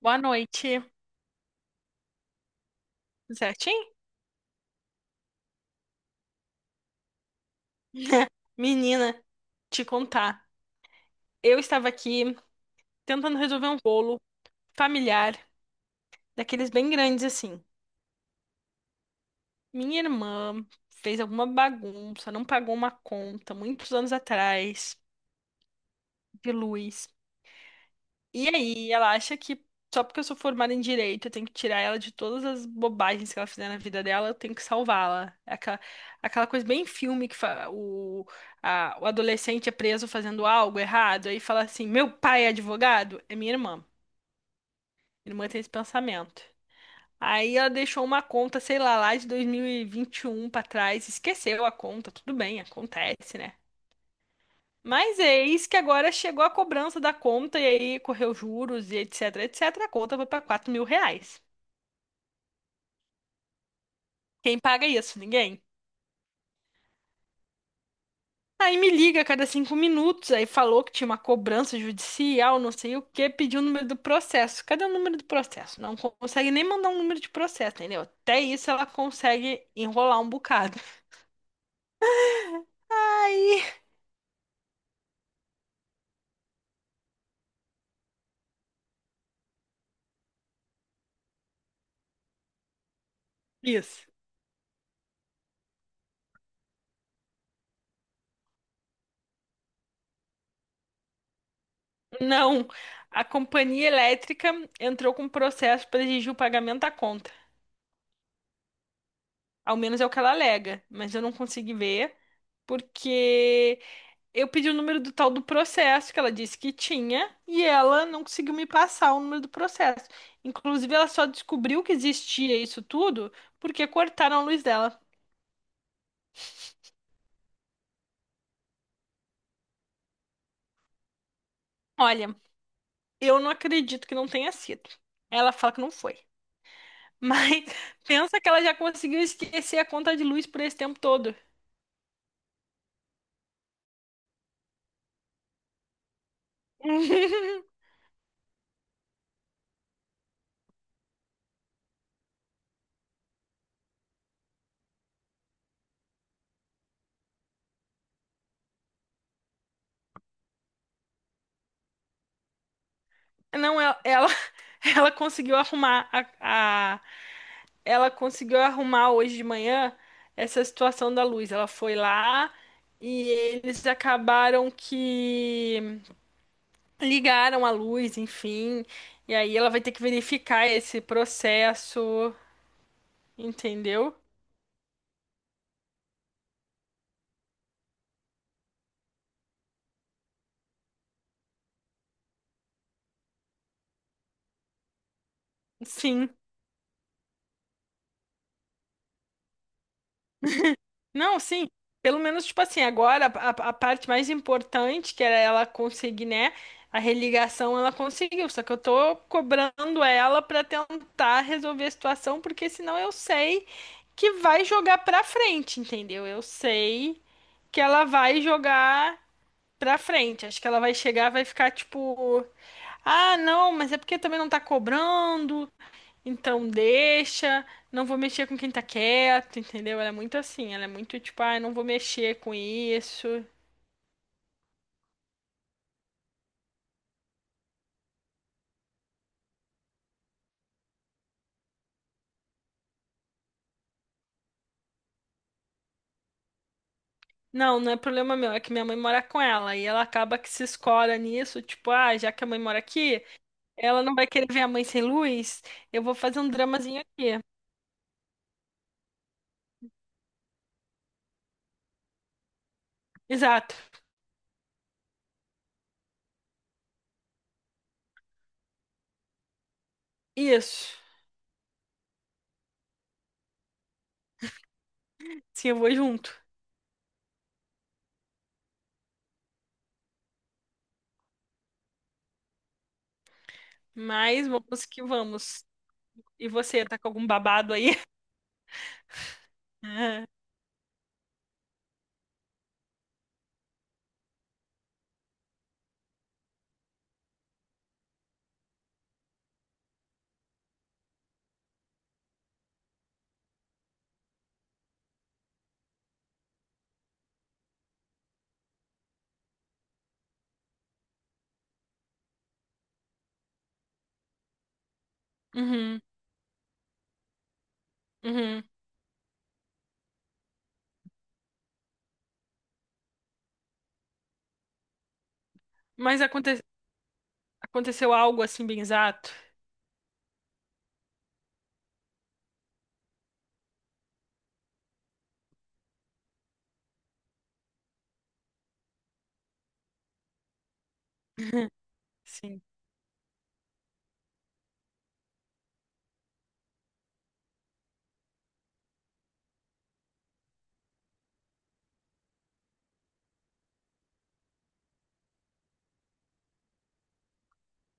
Boa noite. Tudo certinho? Menina, te contar. Eu estava aqui tentando resolver um bolo familiar, daqueles bem grandes assim. Minha irmã fez alguma bagunça, não pagou uma conta muitos anos atrás de luz. E aí, ela acha que só porque eu sou formada em direito, eu tenho que tirar ela de todas as bobagens que ela fizer na vida dela, eu tenho que salvá-la. É aquela coisa bem filme, que fa- o, a- o adolescente é preso fazendo algo errado, aí fala assim: meu pai é advogado? É minha irmã. Minha irmã tem esse pensamento. Aí ela deixou uma conta, sei lá, lá de dois mil e vinte e um pra trás, esqueceu a conta, tudo bem, acontece, né? Mas eis que agora chegou a cobrança da conta e aí correu juros e etc, etc. A conta foi para R$ 4.000. Quem paga isso? Ninguém. Aí me liga a cada 5 minutos, aí falou que tinha uma cobrança judicial, não sei o quê, pediu o número do processo. Cadê o número do processo? Não consegue nem mandar um número de processo, entendeu? Até isso ela consegue enrolar um bocado. Isso. Não, a companhia elétrica entrou com processo para exigir o pagamento da conta. Ao menos é o que ela alega, mas eu não consegui ver porque eu pedi o número do tal do processo que ela disse que tinha e ela não conseguiu me passar o número do processo. Inclusive, ela só descobriu que existia isso tudo porque cortaram a luz dela. Olha, eu não acredito que não tenha sido. Ela fala que não foi. Mas pensa que ela já conseguiu esquecer a conta de luz por esse tempo todo. Não, ela conseguiu arrumar a ela conseguiu arrumar hoje de manhã essa situação da luz. Ela foi lá e eles acabaram que ligaram a luz, enfim. E aí ela vai ter que verificar esse processo, entendeu? Sim. Não, sim. Pelo menos, tipo assim, agora a parte mais importante, que era ela conseguir, né? A religação, ela conseguiu. Só que eu tô cobrando ela pra tentar resolver a situação, porque senão eu sei que vai jogar pra frente, entendeu? Eu sei que ela vai jogar pra frente. Acho que ela vai chegar, vai ficar tipo, ah, não, mas é porque também não tá cobrando. Então deixa, não vou mexer com quem tá quieto, entendeu? Ela é muito assim, ela é muito tipo, ah, não vou mexer com isso. Não, não é problema meu, é que minha mãe mora com ela e ela acaba que se escola nisso, tipo, ah, já que a mãe mora aqui, ela não vai querer ver a mãe sem luz, eu vou fazer um dramazinho aqui. Exato, isso. Sim, eu vou junto. Mas vamos que vamos. E você, tá com algum babado aí? Uhum, uhum. Mas aconteceu algo assim bem exato? Sim.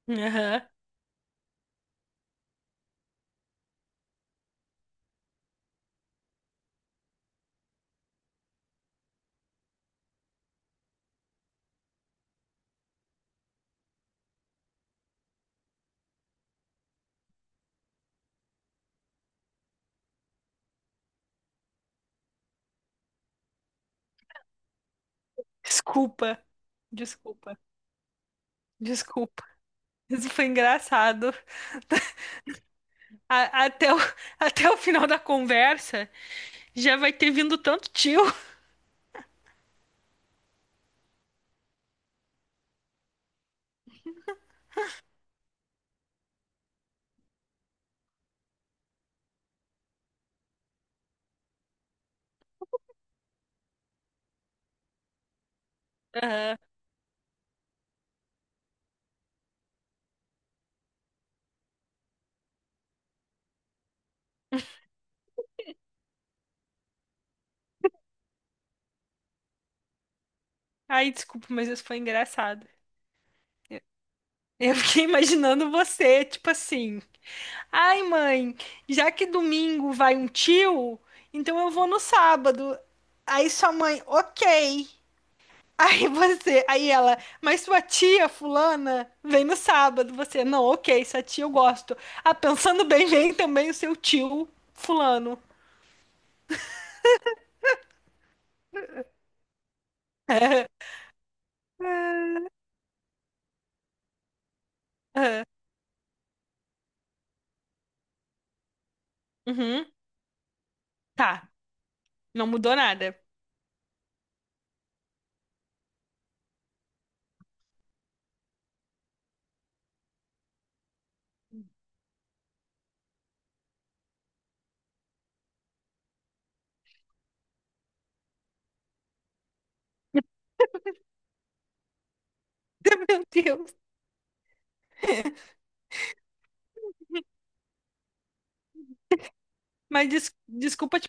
Aham. Desculpa, desculpa, desculpa. Isso foi engraçado. Até o, até o final da conversa já vai ter vindo tanto tio. Aham. Ai, desculpa, mas isso foi engraçado. Eu eu fiquei imaginando você, tipo assim. Ai, mãe, já que domingo vai um tio, então eu vou no sábado. Aí sua mãe, ok. Aí você, aí ela, mas sua tia fulana vem no sábado. Você, não, ok, sua tia eu gosto. Ah, pensando bem, vem também o seu tio fulano. É. Uhum, tá, não mudou nada. Meu Deus. Mas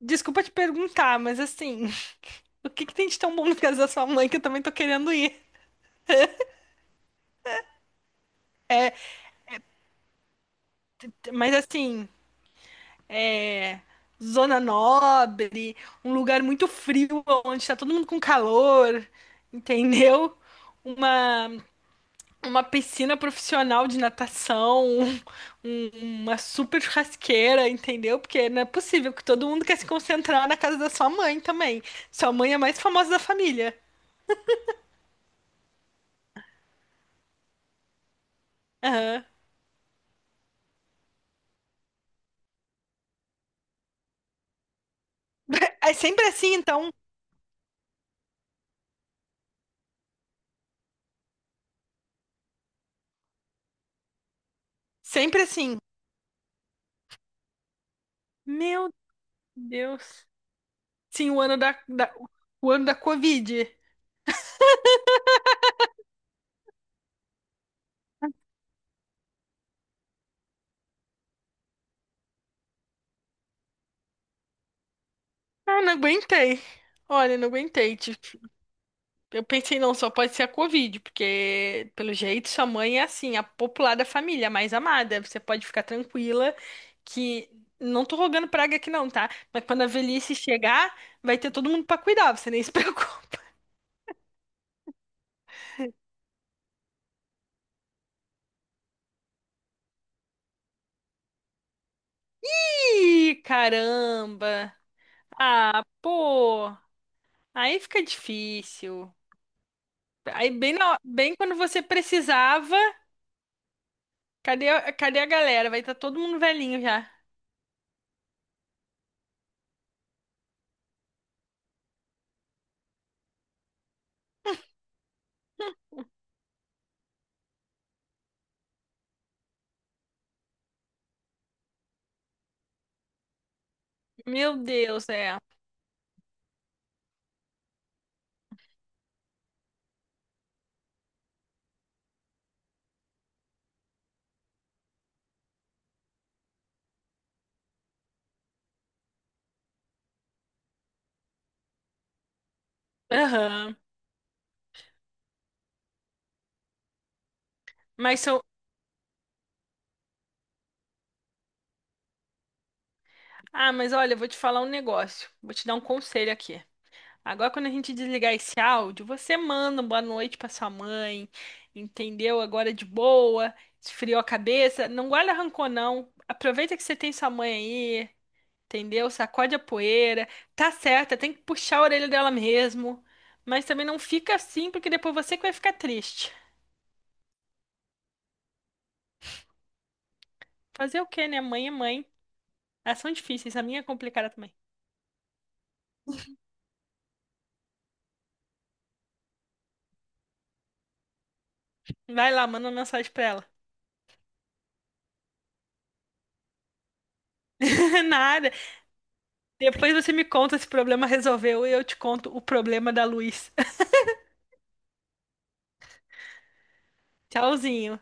desculpa te perguntar, mas assim, o que que tem de tão bom no caso da sua mãe que eu também tô querendo ir? É, mas assim, é, zona nobre, um lugar muito frio, onde está todo mundo com calor, entendeu? Uma, uma piscina profissional de natação, uma super churrasqueira, entendeu? Porque não é possível que todo mundo quer se concentrar na casa da sua mãe também. Sua mãe é a mais famosa da família. Aham. É sempre assim, então. Sempre assim. Meu Deus. Sim, o ano da Covid. Ah, não aguentei. Olha, não aguentei. Tipo, eu pensei, não, só pode ser a Covid, porque, pelo jeito, sua mãe é assim, a popular da família, a mais amada. Você pode ficar tranquila que. Não tô rogando praga aqui, não, tá? Mas quando a velhice chegar, vai ter todo mundo pra cuidar, você nem se preocupe. Ih, caramba! Ah, pô! Aí fica difícil. Aí, bem, quando você precisava, cadê a galera? Vai estar todo mundo velhinho já. Meu Deus, é. Aham. Mas são. Ah, mas olha, eu vou te falar um negócio. Vou te dar um conselho aqui. Agora, quando a gente desligar esse áudio, você manda um boa noite pra sua mãe, entendeu? Agora de boa, esfriou a cabeça. Não guarda rancor, não. Aproveita que você tem sua mãe aí, entendeu? Sacode a poeira. Tá certa, tem que puxar a orelha dela mesmo. Mas também não fica assim, porque depois você que vai ficar triste. Fazer o quê, né? Mãe é mãe. Elas são difíceis, a minha é complicada também. Vai lá, manda uma mensagem pra ela. Nada. Depois você me conta se o problema resolveu e eu te conto o problema da luz. Tchauzinho.